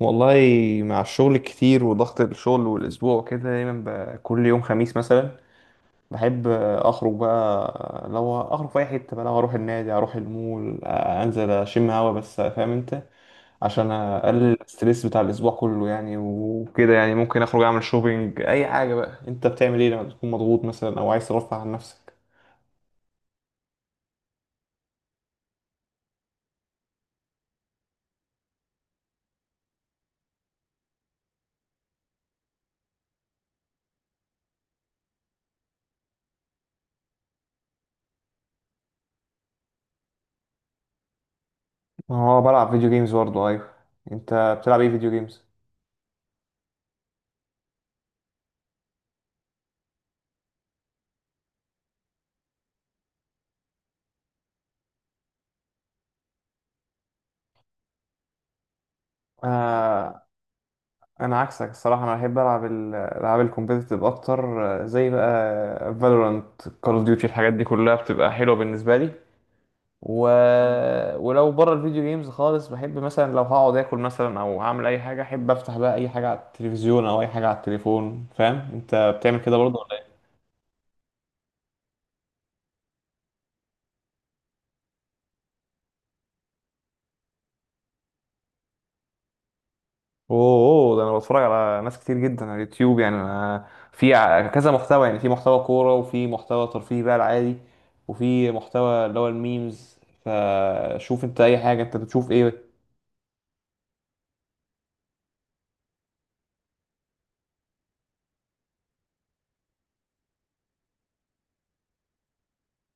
والله، مع الشغل الكتير وضغط الشغل والاسبوع كده دايما كل يوم خميس مثلا بحب اخرج بقى. لو اخرج في اي حته بقى، لو اروح النادي اروح المول انزل اشم هوا بس، فاهم انت؟ عشان اقلل الستريس بتاع الاسبوع كله يعني وكده، يعني ممكن اخرج اعمل شوبينج اي حاجه بقى. انت بتعمل ايه لما تكون مضغوط مثلا او عايز ترفع عن نفسك؟ هو بلعب فيديو جيمز برضه، ايوه. انت بتلعب ايه فيديو جيمز؟ انا عكسك الصراحه، انا بحب العب الالعاب الكومبيتيتيف اكتر. زي بقى فالورانت، كول اوف ديوتي، الحاجات دي كلها بتبقى حلوه بالنسبه لي. و... ولو بره الفيديو جيمز خالص بحب مثلا، لو هقعد اكل مثلا او هعمل اي حاجه احب افتح بقى اي حاجه على التلفزيون او اي حاجه على التليفون. فاهم انت؟ بتعمل كده برضه؟ اوه، ده انا بتفرج على ناس كتير جدا على اليوتيوب يعني. انا في كذا محتوى يعني، في محتوى كورة وفي محتوى ترفيهي بقى العادي، وفي محتوى اللي هو الميمز. فشوف انت اي حاجة، انت بتشوف ايه؟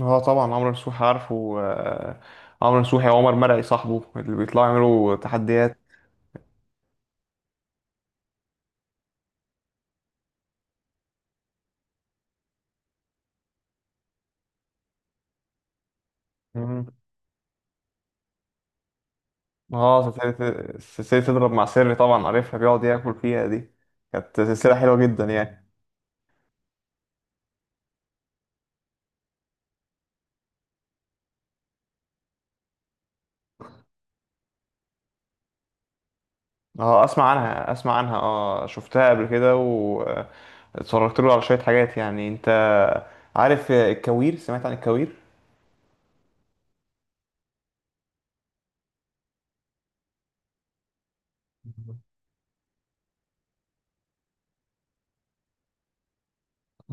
اه طبعا عمرو نصوحي عارفه. عمرو نصوحي وعمر مرعي صاحبه اللي بيطلعوا يعملوا تحديات. مم. اه سلسلة تضرب مع سري طبعا عارفها، بيقعد ياكل فيها دي. كانت سلسلة حلوة جدا يعني. اه اسمع عنها اه، شفتها قبل كده واتفرجت له على شوية حاجات يعني. انت عارف الكوير؟ سمعت عن الكوير؟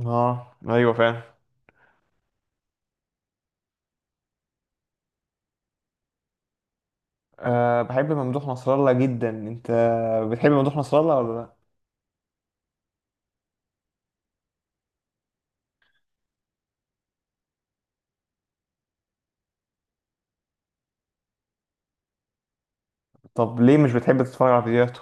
اه ايوه فعلا. أه، بحب ممدوح نصر الله جدا. انت بتحب ممدوح نصر الله ولا لا؟ طب ليه مش بتحب تتفرج على فيديوهاته؟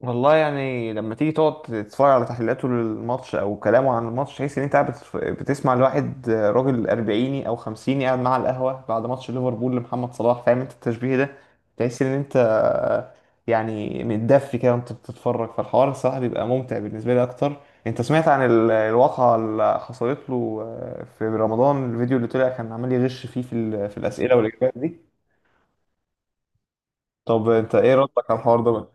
والله يعني لما تيجي تقعد تتفرج على تحليلاته للماتش او كلامه عن الماتش، تحس ان انت قاعد بتسمع لواحد راجل اربعيني او خمسيني قاعد معاه على القهوه بعد ماتش ليفربول لمحمد صلاح. فاهم انت التشبيه ده؟ تحس ان انت يعني متدفي كده وانت بتتفرج، فالحوار الصراحه بيبقى ممتع بالنسبه لي اكتر. انت سمعت عن الواقعه اللي حصلت له في رمضان؟ الفيديو اللي طلع كان عمال يغش فيه في في الاسئله والاجابات دي. طب انت ايه ردك على الحوار ده؟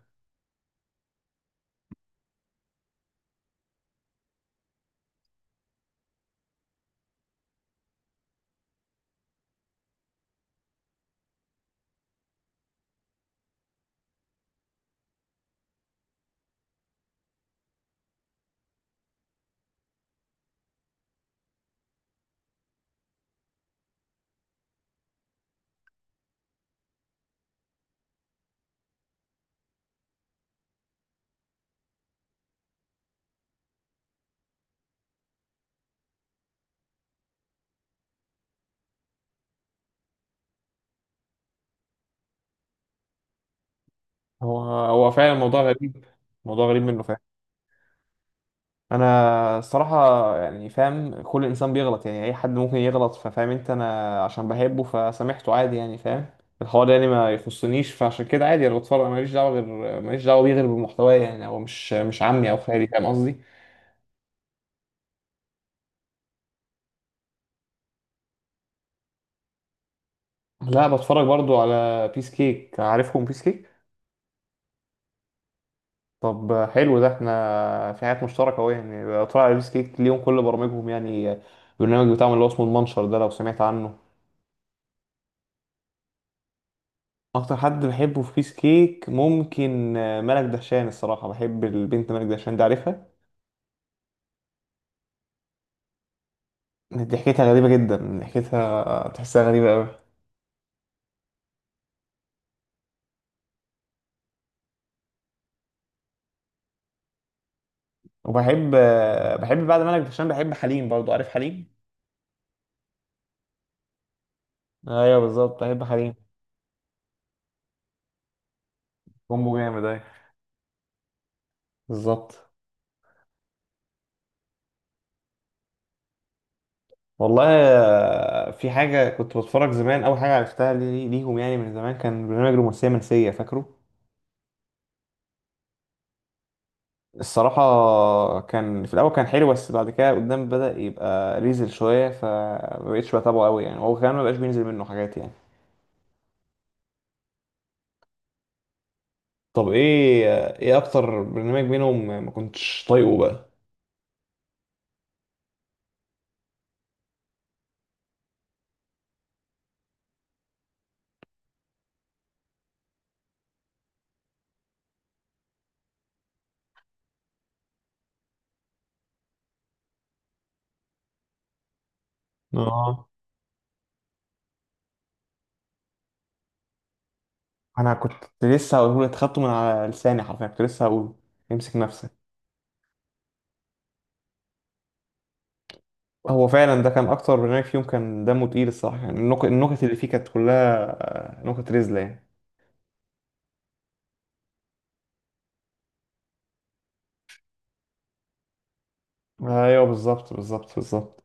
هو هو فعلا موضوع غريب، موضوع غريب منه فعلا. انا الصراحه يعني فاهم كل انسان بيغلط يعني، اي حد ممكن يغلط. ففاهم انت، انا عشان بحبه فسامحته عادي يعني. فاهم؟ الحوار ده يعني ما يخصنيش، فعشان كده عادي انا بتفرج ماليش دعوه غير، ماليش دعوه بيه غير بالمحتوى يعني. هو مش عمي او خالي، فاهم قصدي؟ لا، بتفرج برضو على بيس كيك. عارفهم بيس كيك؟ طب حلو ده، احنا في حاجات مشتركه اهو يعني. بتفرج على بيس كيك ليهم كل برامجهم يعني، البرنامج بتاعهم اللي هو اسمه المنشر ده، لو سمعت عنه. اكتر حد بحبه في بيس كيك ممكن ملك دهشان الصراحه، بحب البنت ملك دهشان دي، عارفها؟ ضحكتها غريبه جدا، ضحكتها تحسها غريبه قوي. وبحب بحب بعد ملك دهشان بحب حليم برضو. عارف حليم؟ ايوه بالظبط، بحب حليم. كومبو جامد، ايوه بالظبط. والله في حاجه كنت بتفرج زمان، اول حاجه عرفتها ليهم يعني من زمان، كان برنامج رومانسيه منسيه، فاكره؟ الصراحة كان في الأول كان حلو، بس بعد كده قدام بدأ يبقى ريزل شوية، فمبقتش بتابعه قوي يعني. هو كمان مبقاش بينزل منه حاجات يعني. طب ايه، ايه أكتر برنامج منهم ما كنتش طايقه بقى؟ اه، أنا كنت لسه هقوله لك، خدته من على لساني حرفيا. كنت لسه هقوله امسك نفسك. هو فعلا ده كان أكتر برنامج فيهم كان دمه تقيل الصراحة يعني. النكت اللي فيه كانت كلها نكت رزلة يعني. أيوه بالظبط بالظبط بالظبط.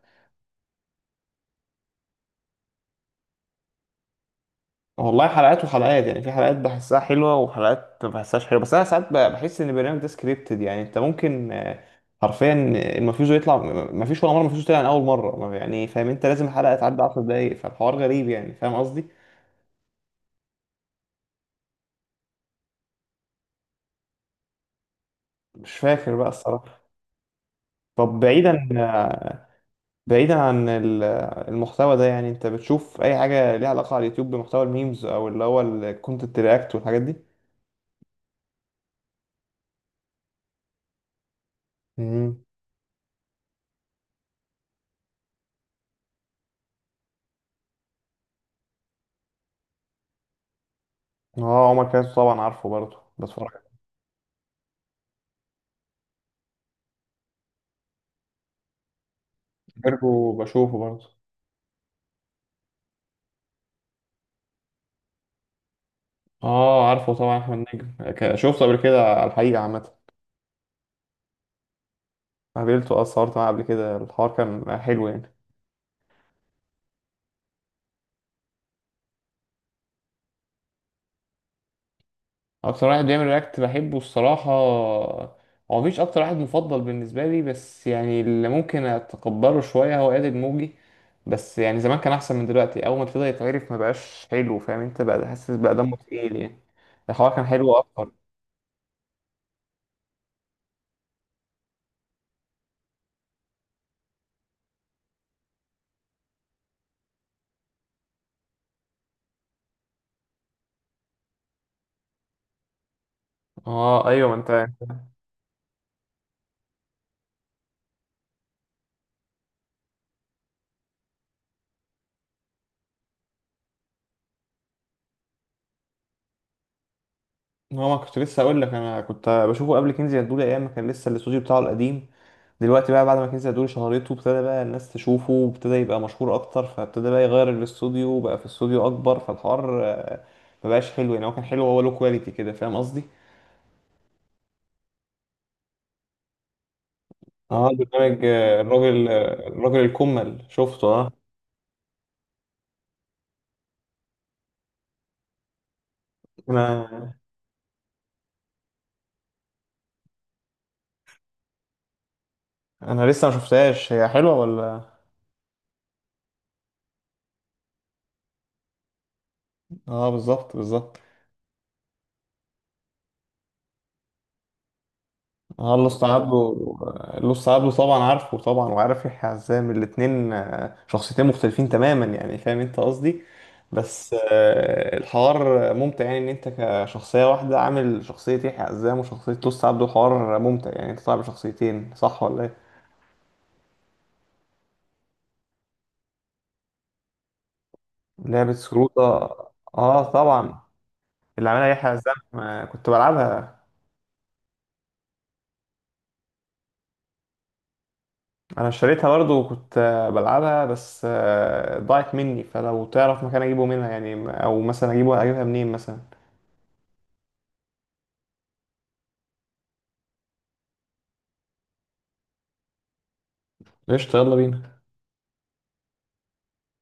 والله حلقات وحلقات يعني، في حلقات بحسها حلوة وحلقات ما بحسهاش حلوة. بس أنا ساعات بحس إن البرنامج ده سكريبتد يعني. أنت ممكن حرفيا المفيش يطلع، مفيش ولا مرة مفيش طلع من أول مرة يعني فاهم أنت، لازم الحلقة تعدي 10 دقايق. فالحوار غريب يعني، فاهم قصدي؟ مش فاكر بقى الصراحة. طب بعيدا عن المحتوى ده يعني، أنت بتشوف أي حاجة ليها علاقة على اليوتيوب بمحتوى الميمز أو اللي هو الكونتنت رياكت والحاجات دي؟ امم. اه عمر كاتب طبعا عارفه، برضه بتفرج عليه. برضه، وبشوفه برضه. اه عارفه طبعا احمد نجم، شفته قبل كده على الحقيقة عامة. قابلته، اه، اتصورت معاه قبل كده، الحوار كان حلو يعني. اكتر واحد بيعمل رياكت بحبه الصراحة، هو مفيش اكتر واحد مفضل بالنسبة لي، بس يعني اللي ممكن اتقبله شوية هو قادر موجي. بس يعني زمان كان احسن من دلوقتي، اول ما ابتدى يتعرف ما بقاش حلو. فاهم انت؟ بقى حاسس بقى دمه تقيل يعني، الحوار كان حلو اكتر. اه ايوه، ما انت هو ما كنت لسه اقول لك، انا كنت بشوفه قبل كنزي هدولي، ايام ما كان لسه الاستوديو بتاعه القديم. دلوقتي بقى بعد ما كنزي هدولي شهرته، ابتدى بقى الناس تشوفه وابتدى يبقى مشهور اكتر، فابتدى بقى يغير الاستوديو وبقى في استوديو اكبر، فالحوار ما بقاش حلو يعني. هو كان حلو، هو له كواليتي كده، فاهم قصدي؟ اه برنامج الراجل الراجل الكمل، شفته اه. انا انا لسه ما شفتهاش، هي حلوه ولا؟ اه بالظبط بالظبط. اه لوست عبده، لوست عبده طبعا عارفه، طبعا، وعارف يحيى عزام. الاتنين شخصيتين مختلفين تماما يعني، فاهم انت قصدي؟ بس الحوار ممتع يعني، ان انت كشخصية واحدة عامل شخصية يحيى عزام وشخصية لوست عبده. الحوار ممتع يعني، انت طالع بشخصيتين، صح ولا ايه؟ لعبة سكروطة، اه طبعا، اللي عملها يحيى عزام. كنت بلعبها. انا اشتريتها برضو وكنت بلعبها، بس ضاعت مني، فلو تعرف مكان اجيبه منها يعني، او مثلا اجيبه اجيبها منين مثلا. قشطة، يلا بينا.